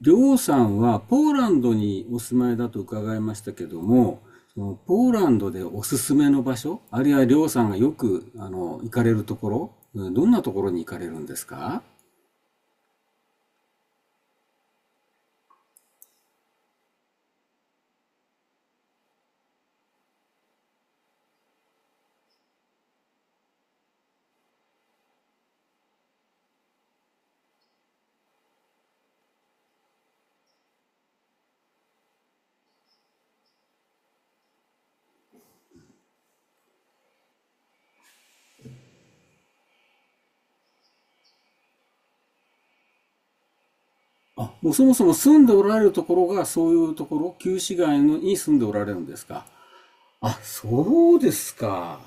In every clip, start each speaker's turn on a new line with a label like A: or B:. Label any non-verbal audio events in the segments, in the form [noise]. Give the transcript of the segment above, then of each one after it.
A: で、王さんはポーランドにお住まいだと伺いましたけども、そのポーランドでおすすめの場所、あるいはりょうさんがよく行かれるところ、どんなところに行かれるんですか？あ、もうそもそも住んでおられるところがそういうところ、旧市街のに住んでおられるんですか？あ、そうですか。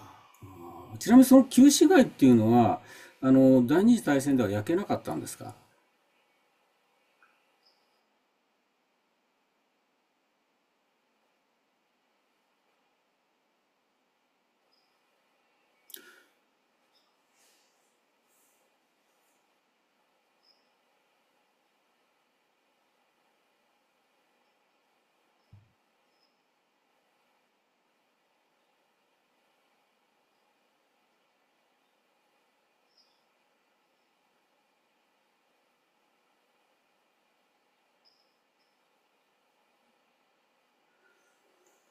A: あ、ちなみにその旧市街っていうのは、あの、第二次大戦では焼けなかったんですか？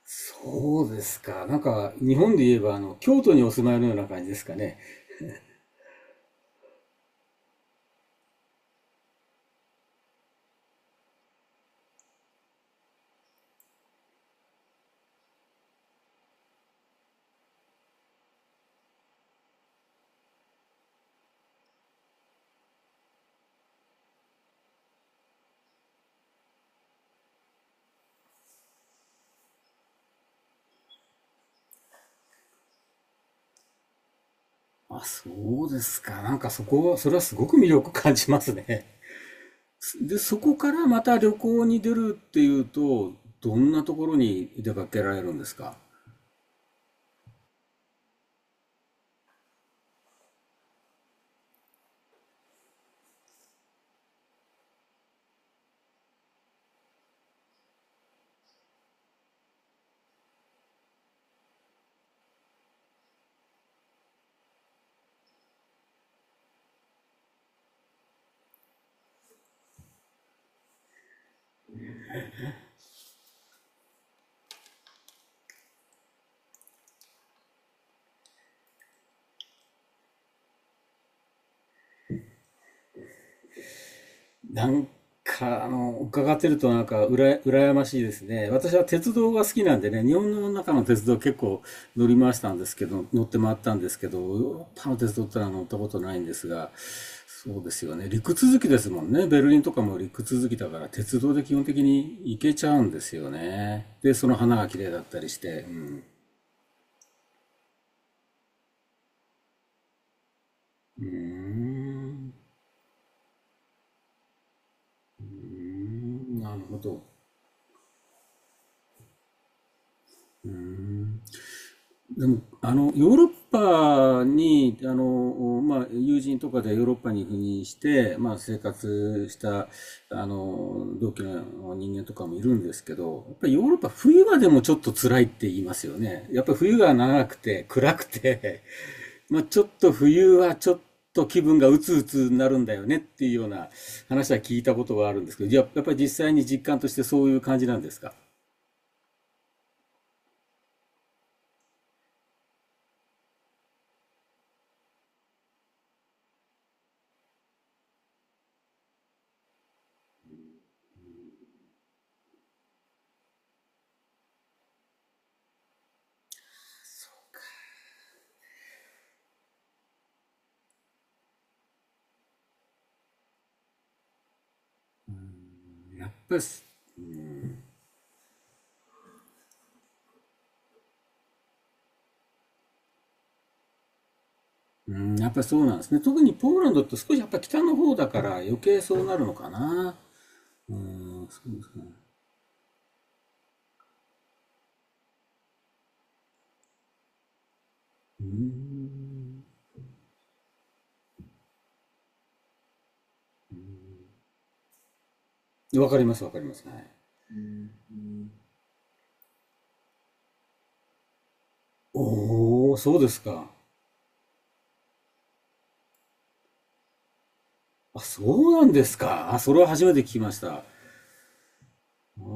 A: そうですか。なんか、日本で言えば、あの、京都にお住まいのような感じですかね。あ、そうですか。なんかそこは、それはすごく魅力感じますね。で、そこからまた旅行に出るっていうと、どんなところに出かけられるんですか？なんか、あの、伺ってるとなんか、羨ましいですね。私は鉄道が好きなんでね、日本の中の鉄道結構乗って回ったんですけど、ヨーロッパの鉄道ってのは乗ったことないんですが、そうですよね。陸続きですもんね。ベルリンとかも陸続きだから、鉄道で基本的に行けちゃうんですよね。で、その花が綺麗だったりして、うん。うーん、うーん、なるほど。うーん、でも、あの、ヨーロッパに、あの、まあ、友人とかでヨーロッパに赴任して、まあ、生活した、あの、同期の人間とかもいるんですけど、やっぱりヨーロッパ冬はでもちょっと辛いって言いますよね。やっぱり冬が長くて暗くて、[laughs] まあ、ちょっと冬はちょっと気分がうつうつになるんだよねっていうような話は聞いたことがあるんですけど、やっぱり実際に実感としてそういう感じなんですか？やっぱりうん、やっぱりそうなんですね。特にポーランドって少しやっぱ北の方だから余計そうなるのかな。うん、そうですね。うん。わかります、わかります。はい。おお、そうですか。あ、そうなんですか。あ、それは初めて聞きました。ああ。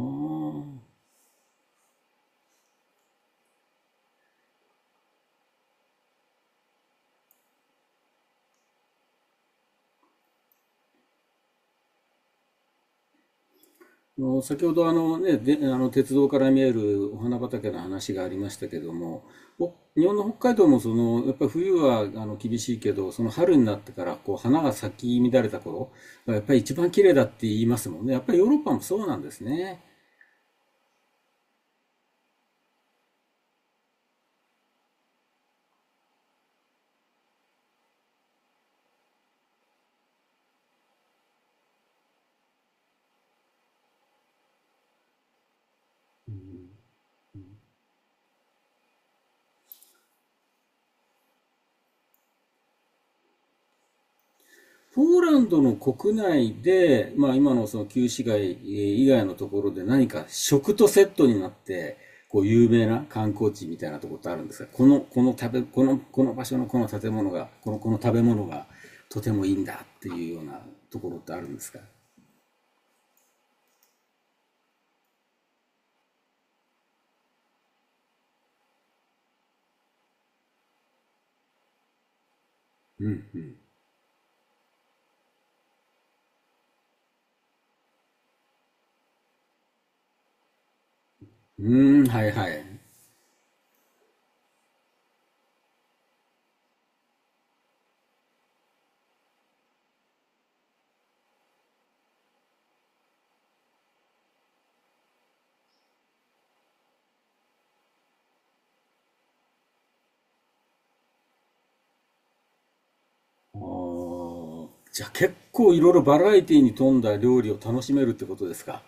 A: あの先ほどあの鉄道から見えるお花畑の話がありましたけども、日本の北海道もそのやっぱり冬はあの厳しいけど、その春になってからこう花が咲き乱れた頃がやっぱり一番綺麗だって言いますもんね。やっぱりヨーロッパもそうなんですね。ポーランドの国内で、まあ、今のその旧市街以外のところで何か食とセットになって、こう有名な観光地みたいなところってあるんですが、この場所のこの建物が、この食べ物がとてもいいんだっていうようなところってあるんですか？うーん、はいはい。あー、じゃあ結構いろいろバラエティに富んだ料理を楽しめるってことですか？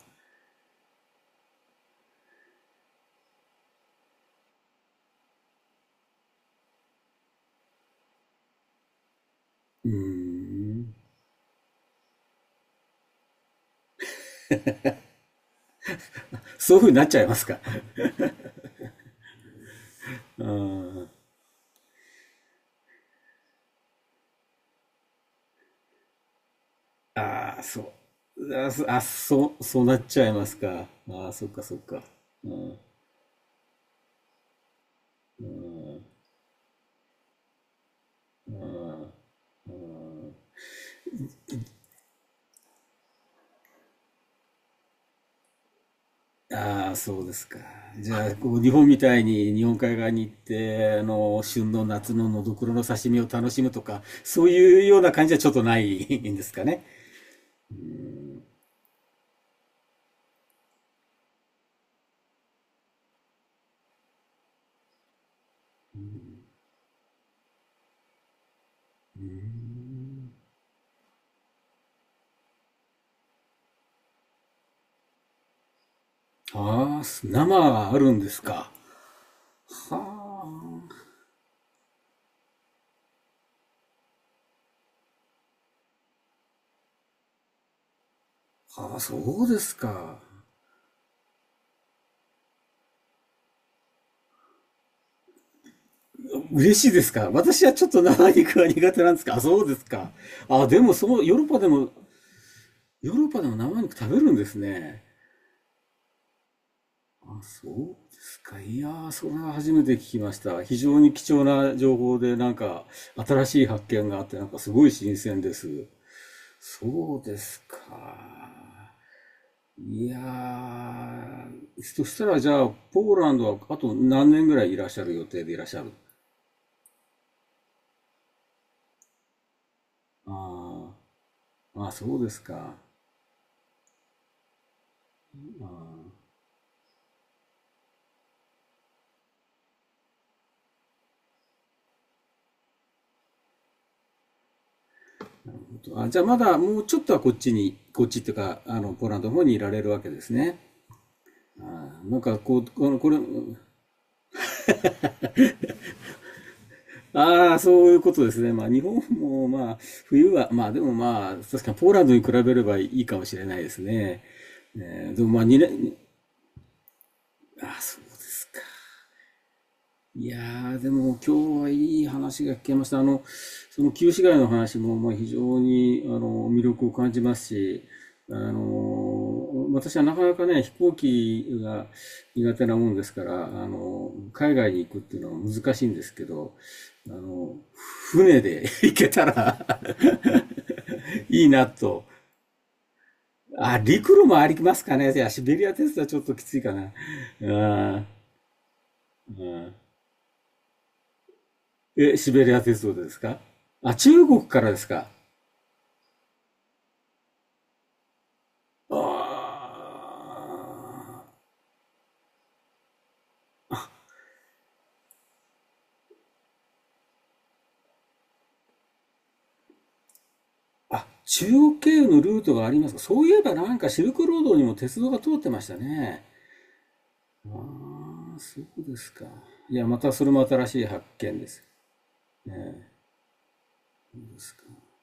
A: うーん。そういうふうになっちゃいますか？ [laughs] うーん。ああ、そう。そうなっちゃいますか。ああ、そっかそっか。うん。ああ、そうですか。じゃあ、こう、日本みたいに日本海側に行って、あの、旬の夏ののどくろの刺身を楽しむとか、そういうような感じはちょっとないんですかね。ああ、生はあるんですか。はあ、はあ、そうですか。嬉しいですか。私はちょっと生肉は苦手なんですか。あ、そうですか。あ、でもそう、ヨーロッパでもヨーロッパでも生肉食べるんですね。あ、そうですか。いやー、それは初めて聞きました。非常に貴重な情報で、なんか、新しい発見があって、なんかすごい新鮮です。そうですか。いやー、そしたらじゃあ、ポーランドはあと何年ぐらいいらっしゃる予定でいらっしゃる？あーあ、そうですか。あー、あ、じゃあまだもうちょっとはこっちに、こっちっていうか、あの、ポーランドの方にいられるわけですね。ああ、なんかこう、この、これ、ああ、そういうことですね。まあ、日本も、まあ、冬は、まあ、でもまあ、確かにポーランドに比べればいいかもしれないですね。ねえー、でもまあ、2年、ああ、そうです。いやー、でも今日はいい話が聞けました。あの、その旧市街の話も、まあ、非常にあの魅力を感じますし、あの、私はなかなかね、飛行機が苦手なもんですから、あの、海外に行くっていうのは難しいんですけど、あの、船で [laughs] 行けたら [laughs] いいなと。あ、陸路もありますかね。いや、シベリア鉄道はちょっときついかな。うん、うん。え、シベリア鉄道ですか？あ、中国からですか？あー、あ、中国経由のルートがありますか？そういえばなんかシルクロードにも鉄道が通ってましたね。あ、そうですか。いや、またそれも新しい発見です。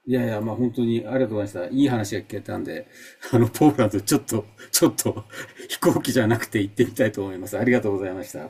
A: いやいや、まあ本当にありがとうございました。いい話が聞けたんで、あの、ポーランドちょっと、ちょっと飛行機じゃなくて行ってみたいと思います。ありがとうございました。